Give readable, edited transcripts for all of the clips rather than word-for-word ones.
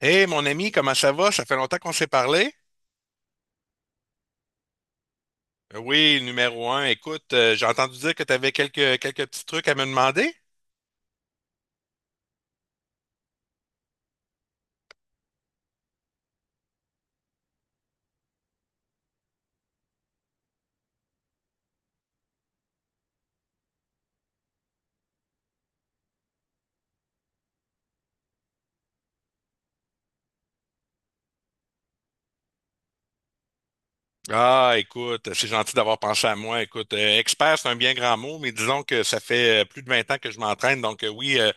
Hey mon ami, comment ça va? Ça fait longtemps qu'on s'est parlé. Oui, numéro un. Écoute, j'ai entendu dire que tu avais quelques petits trucs à me demander. Ah, écoute, c'est gentil d'avoir pensé à moi. Écoute, expert, c'est un bien grand mot, mais disons que ça fait plus de 20 ans que je m'entraîne, donc oui,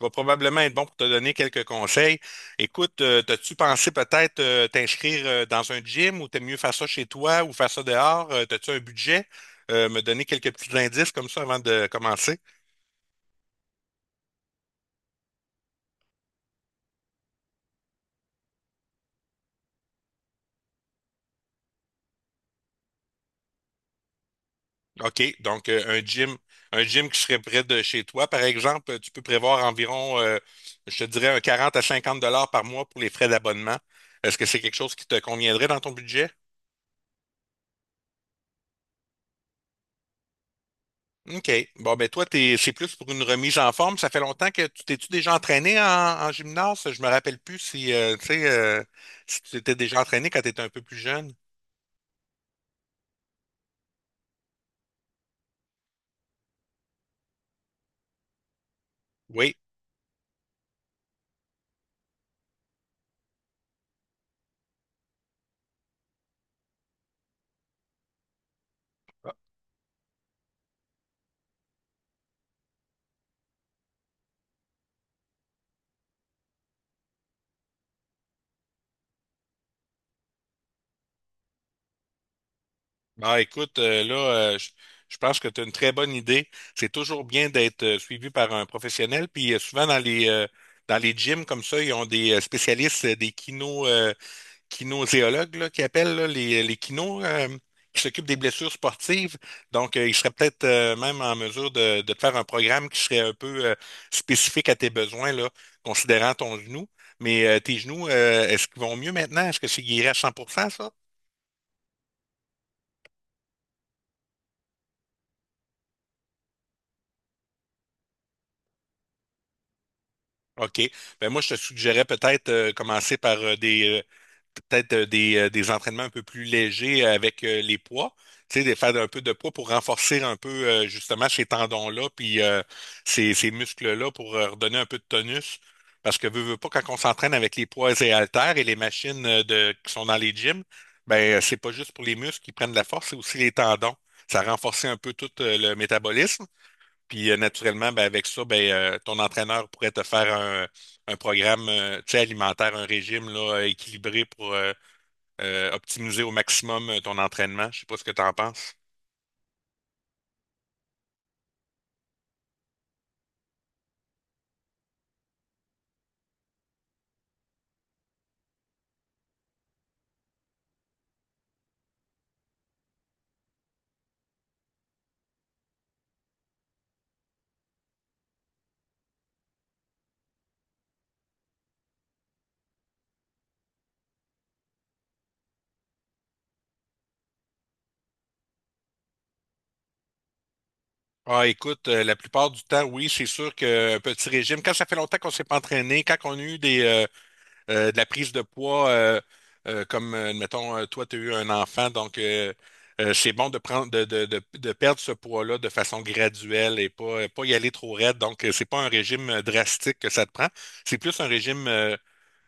je vais probablement être bon pour te donner quelques conseils. Écoute, t'as-tu pensé peut-être t'inscrire dans un gym ou t'aimes mieux faire ça chez toi ou faire ça dehors? T'as-tu un budget? Me donner quelques petits indices comme ça avant de commencer. OK, donc un gym qui serait près de chez toi, par exemple, tu peux prévoir environ, je te dirais, un 40 à 50 $ par mois pour les frais d'abonnement. Est-ce que c'est quelque chose qui te conviendrait dans ton budget? OK. Bon, ben toi, t'es, c'est plus pour une remise en forme. Ça fait longtemps que tu t'es-tu déjà entraîné en, en gymnase? Je me rappelle plus si, tu sais, si tu t'étais déjà entraîné quand tu étais un peu plus jeune. Oui. Ah, écoute, là, euh, je, je pense que tu as une très bonne idée. C'est toujours bien d'être suivi par un professionnel. Puis souvent dans les gyms comme ça, ils ont des spécialistes, des kino, kinésiologues là, qui appellent là, les kinos qui s'occupent des blessures sportives. Donc, ils seraient peut-être même en mesure de te faire un programme qui serait un peu spécifique à tes besoins, là, considérant ton genou. Mais tes genoux, est-ce qu'ils vont mieux maintenant? Est-ce que c'est guéri à 100% ça? OK. Ben moi, je te suggérais peut-être commencer par des peut-être des entraînements un peu plus légers avec les poids. Tu sais, de faire un peu de poids pour renforcer un peu justement ces tendons-là, puis ces muscles-là pour redonner un peu de tonus. Parce que veux, veux pas, quand on s'entraîne avec les poids et haltères et les machines de, qui sont dans les gyms, ben c'est pas juste pour les muscles qui prennent de la force, c'est aussi les tendons. Ça renforce un peu tout le métabolisme. Puis naturellement, ben, avec ça, ben, ton entraîneur pourrait te faire un programme tu sais, alimentaire, un régime là, équilibré pour optimiser au maximum ton entraînement. Je sais pas ce que tu en penses. Ah, écoute, la plupart du temps, oui, c'est sûr que un petit régime, quand ça fait longtemps qu'on s'est pas entraîné, quand on a eu des, de la prise de poids, comme, mettons, toi, tu as eu un enfant, donc c'est bon de prendre, de perdre ce poids-là de façon graduelle et pas, pas y aller trop raide. Donc, c'est pas un régime drastique que ça te prend. C'est plus un régime euh,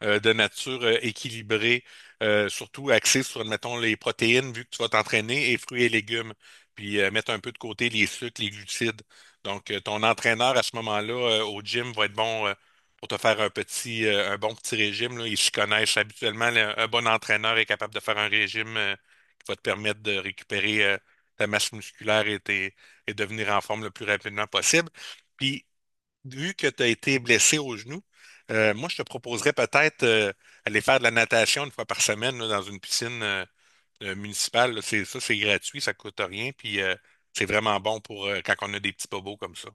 euh, de nature équilibrée, surtout axée sur, mettons, les protéines, vu que tu vas t'entraîner, et fruits et légumes, puis mettre un peu de côté les sucres, les glucides. Donc, ton entraîneur à ce moment-là au gym va être bon pour te faire un petit, un bon petit régime, là. Ils s'y connaissent habituellement. Un bon entraîneur est capable de faire un régime qui va te permettre de récupérer ta masse musculaire et, et devenir en forme le plus rapidement possible. Puis, vu que tu as été blessé au genou, moi, je te proposerais peut-être aller faire de la natation une fois par semaine là, dans une piscine municipale. Là. C'est, ça, c'est gratuit, ça coûte rien, puis c'est vraiment bon pour quand on a des petits bobos comme ça.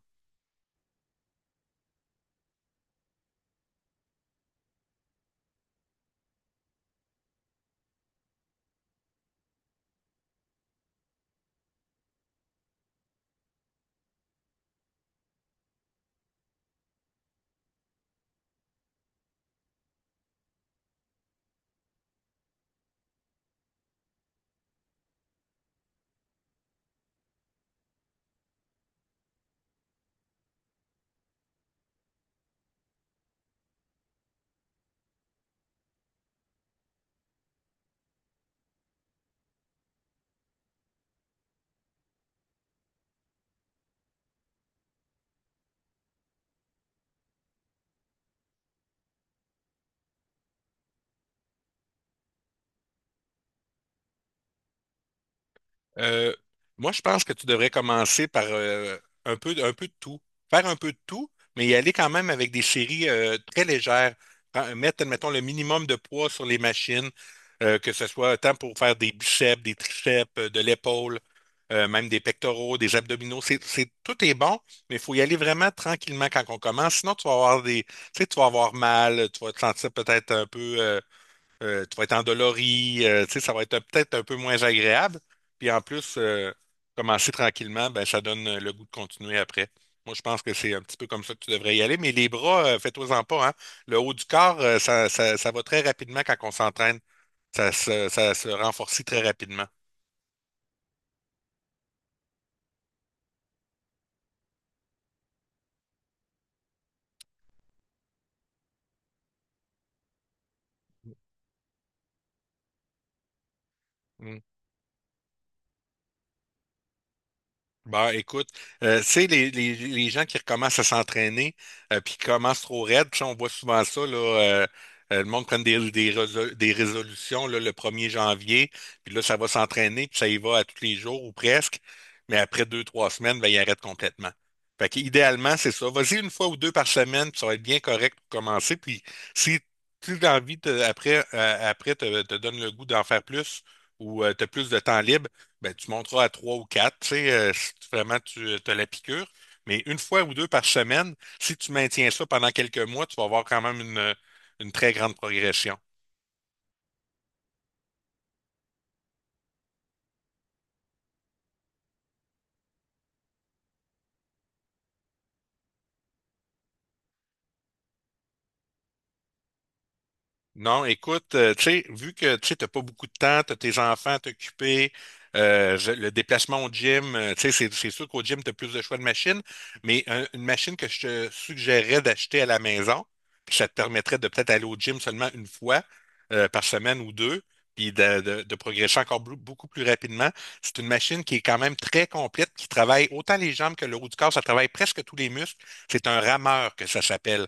Euh, moi, je pense que tu devrais commencer par un peu de tout. Faire un peu de tout, mais y aller quand même avec des séries très légères. Mettre, mettons, le minimum de poids sur les machines, que ce soit tant pour faire des biceps, des triceps, de l'épaule, même des pectoraux, des abdominaux. Tout est bon, mais il faut y aller vraiment tranquillement quand on commence. Sinon, tu vas avoir des, tu sais, tu vas avoir mal, tu vas te sentir peut-être un peu tu vas être endolori, tu sais, ça va être peut-être un peu moins agréable. Puis en plus, commencer tranquillement, ben, ça donne le goût de continuer après. Moi, je pense que c'est un petit peu comme ça que tu devrais y aller. Mais les bras, fais-toi-en pas, hein. Le haut du corps, ça va très rapidement quand on s'entraîne. Ça, ça se renforcit très rapidement. Bah, écoute, tu sais, les gens qui recommencent à s'entraîner, puis qui commencent trop raide, puis sais, on voit souvent ça, là, le monde prend des, des résolutions là, le 1er janvier, puis là, ça va s'entraîner, puis ça y va à tous les jours ou presque, mais après deux, trois semaines, ben, il arrête complètement. Fait qu'idéalement, c'est ça. Vas-y une fois ou deux par semaine, puis ça va être bien correct pour commencer, puis si tu as envie, après, après te donne le goût d'en faire plus ou tu as plus de temps libre, ben, tu monteras à trois ou quatre, tu sais, si vraiment tu as la piqûre. Mais une fois ou deux par semaine, si tu maintiens ça pendant quelques mois, tu vas avoir quand même une très grande progression. Non, écoute, tu sais, vu que tu n'as pas beaucoup de temps, t'as tes enfants à t'occuper, le déplacement au gym, tu sais, c'est sûr qu'au gym, t'as plus de choix de machines, mais une machine que je te suggérerais d'acheter à la maison, puis ça te permettrait de peut-être aller au gym seulement une fois par semaine ou deux, puis de progresser encore beaucoup plus rapidement. C'est une machine qui est quand même très complète, qui travaille autant les jambes que le haut du corps, ça travaille presque tous les muscles. C'est un rameur que ça s'appelle.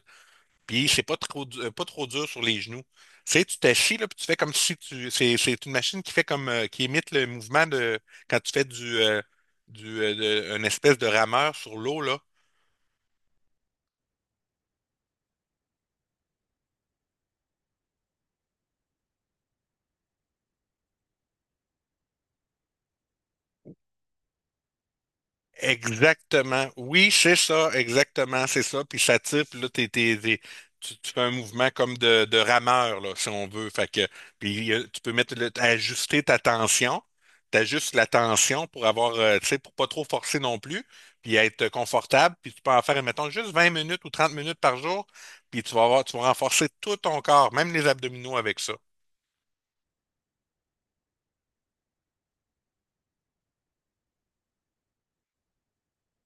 Puis c'est pas trop, pas trop dur sur les genoux. Tu sais, tu t'assis, là, puis tu fais comme si tu. C'est une machine qui fait comme qui imite le mouvement de quand tu fais du, du euh, une espèce de rameur sur l'eau, là. Exactement. Oui, c'est ça, exactement, c'est ça. Puis ça tire, puis là, tu, tu fais un mouvement comme de rameur, là, si on veut. Fait que, puis tu peux mettre ajuster ta tension. T'ajustes la tension pour avoir, tu sais, pour pas trop forcer non plus, puis être confortable. Puis tu peux en faire, mettons, juste 20 minutes ou 30 minutes par jour, puis tu vas avoir, tu vas renforcer tout ton corps, même les abdominaux avec ça.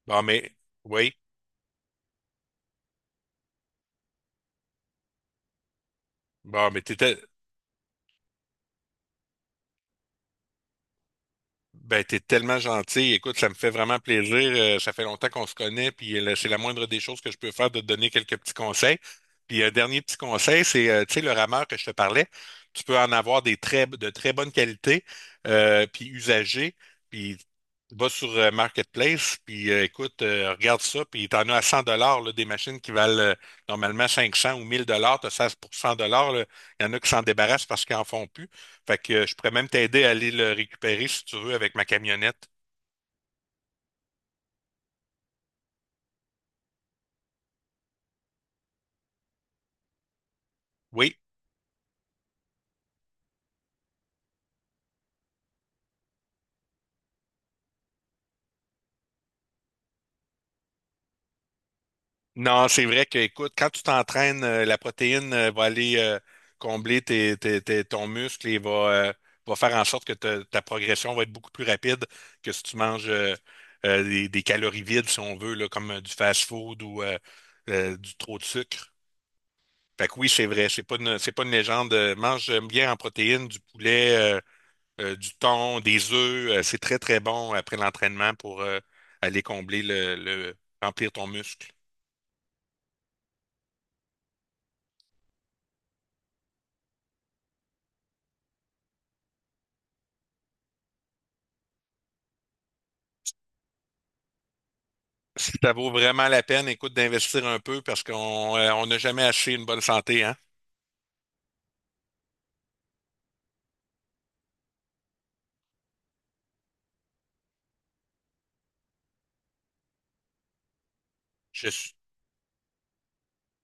Bon, mais, oui. Bon, mais t'étais. Ben, t'es tellement gentil. Écoute, ça me fait vraiment plaisir. Ça fait longtemps qu'on se connaît, puis c'est la moindre des choses que je peux faire de te donner quelques petits conseils. Puis un dernier petit conseil, c'est, tu sais, le rameur que je te parlais, tu peux en avoir des très, de très bonne qualité, puis usagé, puis va sur Marketplace, puis écoute, regarde ça, puis t'en as à 100 dollars, des machines qui valent normalement 500 ou 1000 dollars, t'as 16% dollars, il y en a qui s'en débarrassent parce qu'ils en font plus. Fait que je pourrais même t'aider à aller le récupérer si tu veux avec ma camionnette. Oui. Non, c'est vrai que, écoute, quand tu t'entraînes, la protéine va aller combler tes, ton muscle et va, euh, va faire en sorte que ta progression va être beaucoup plus rapide que si tu manges des calories vides, si on veut, là, comme du fast-food ou du trop de sucre. Fait que oui, c'est vrai, c'est pas une légende. Mange bien en protéines, du poulet, du thon, des œufs. C'est très, très bon après l'entraînement pour aller combler remplir ton muscle. Si ça vaut vraiment la peine, écoute, d'investir un peu parce qu'on on n'a jamais acheté une bonne santé, hein. Je, suis-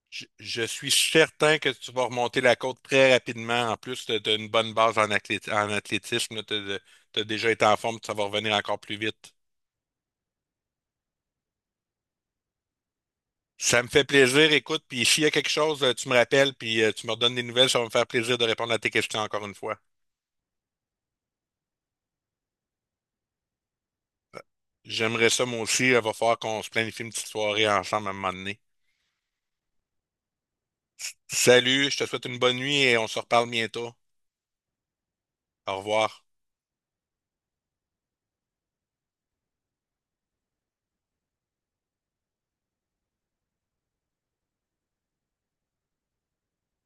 je suis certain que tu vas remonter la côte très rapidement. En plus, tu as une bonne base en, en athlétisme. Tu as, déjà été en forme, ça va revenir encore plus vite. Ça me fait plaisir, écoute, puis s'il y a quelque chose, tu me rappelles, puis tu me redonnes des nouvelles, ça va me faire plaisir de répondre à tes questions encore une fois. J'aimerais ça moi aussi. Il va falloir qu'on se planifie une petite soirée ensemble à un moment donné. Salut, je te souhaite une bonne nuit et on se reparle bientôt. Au revoir.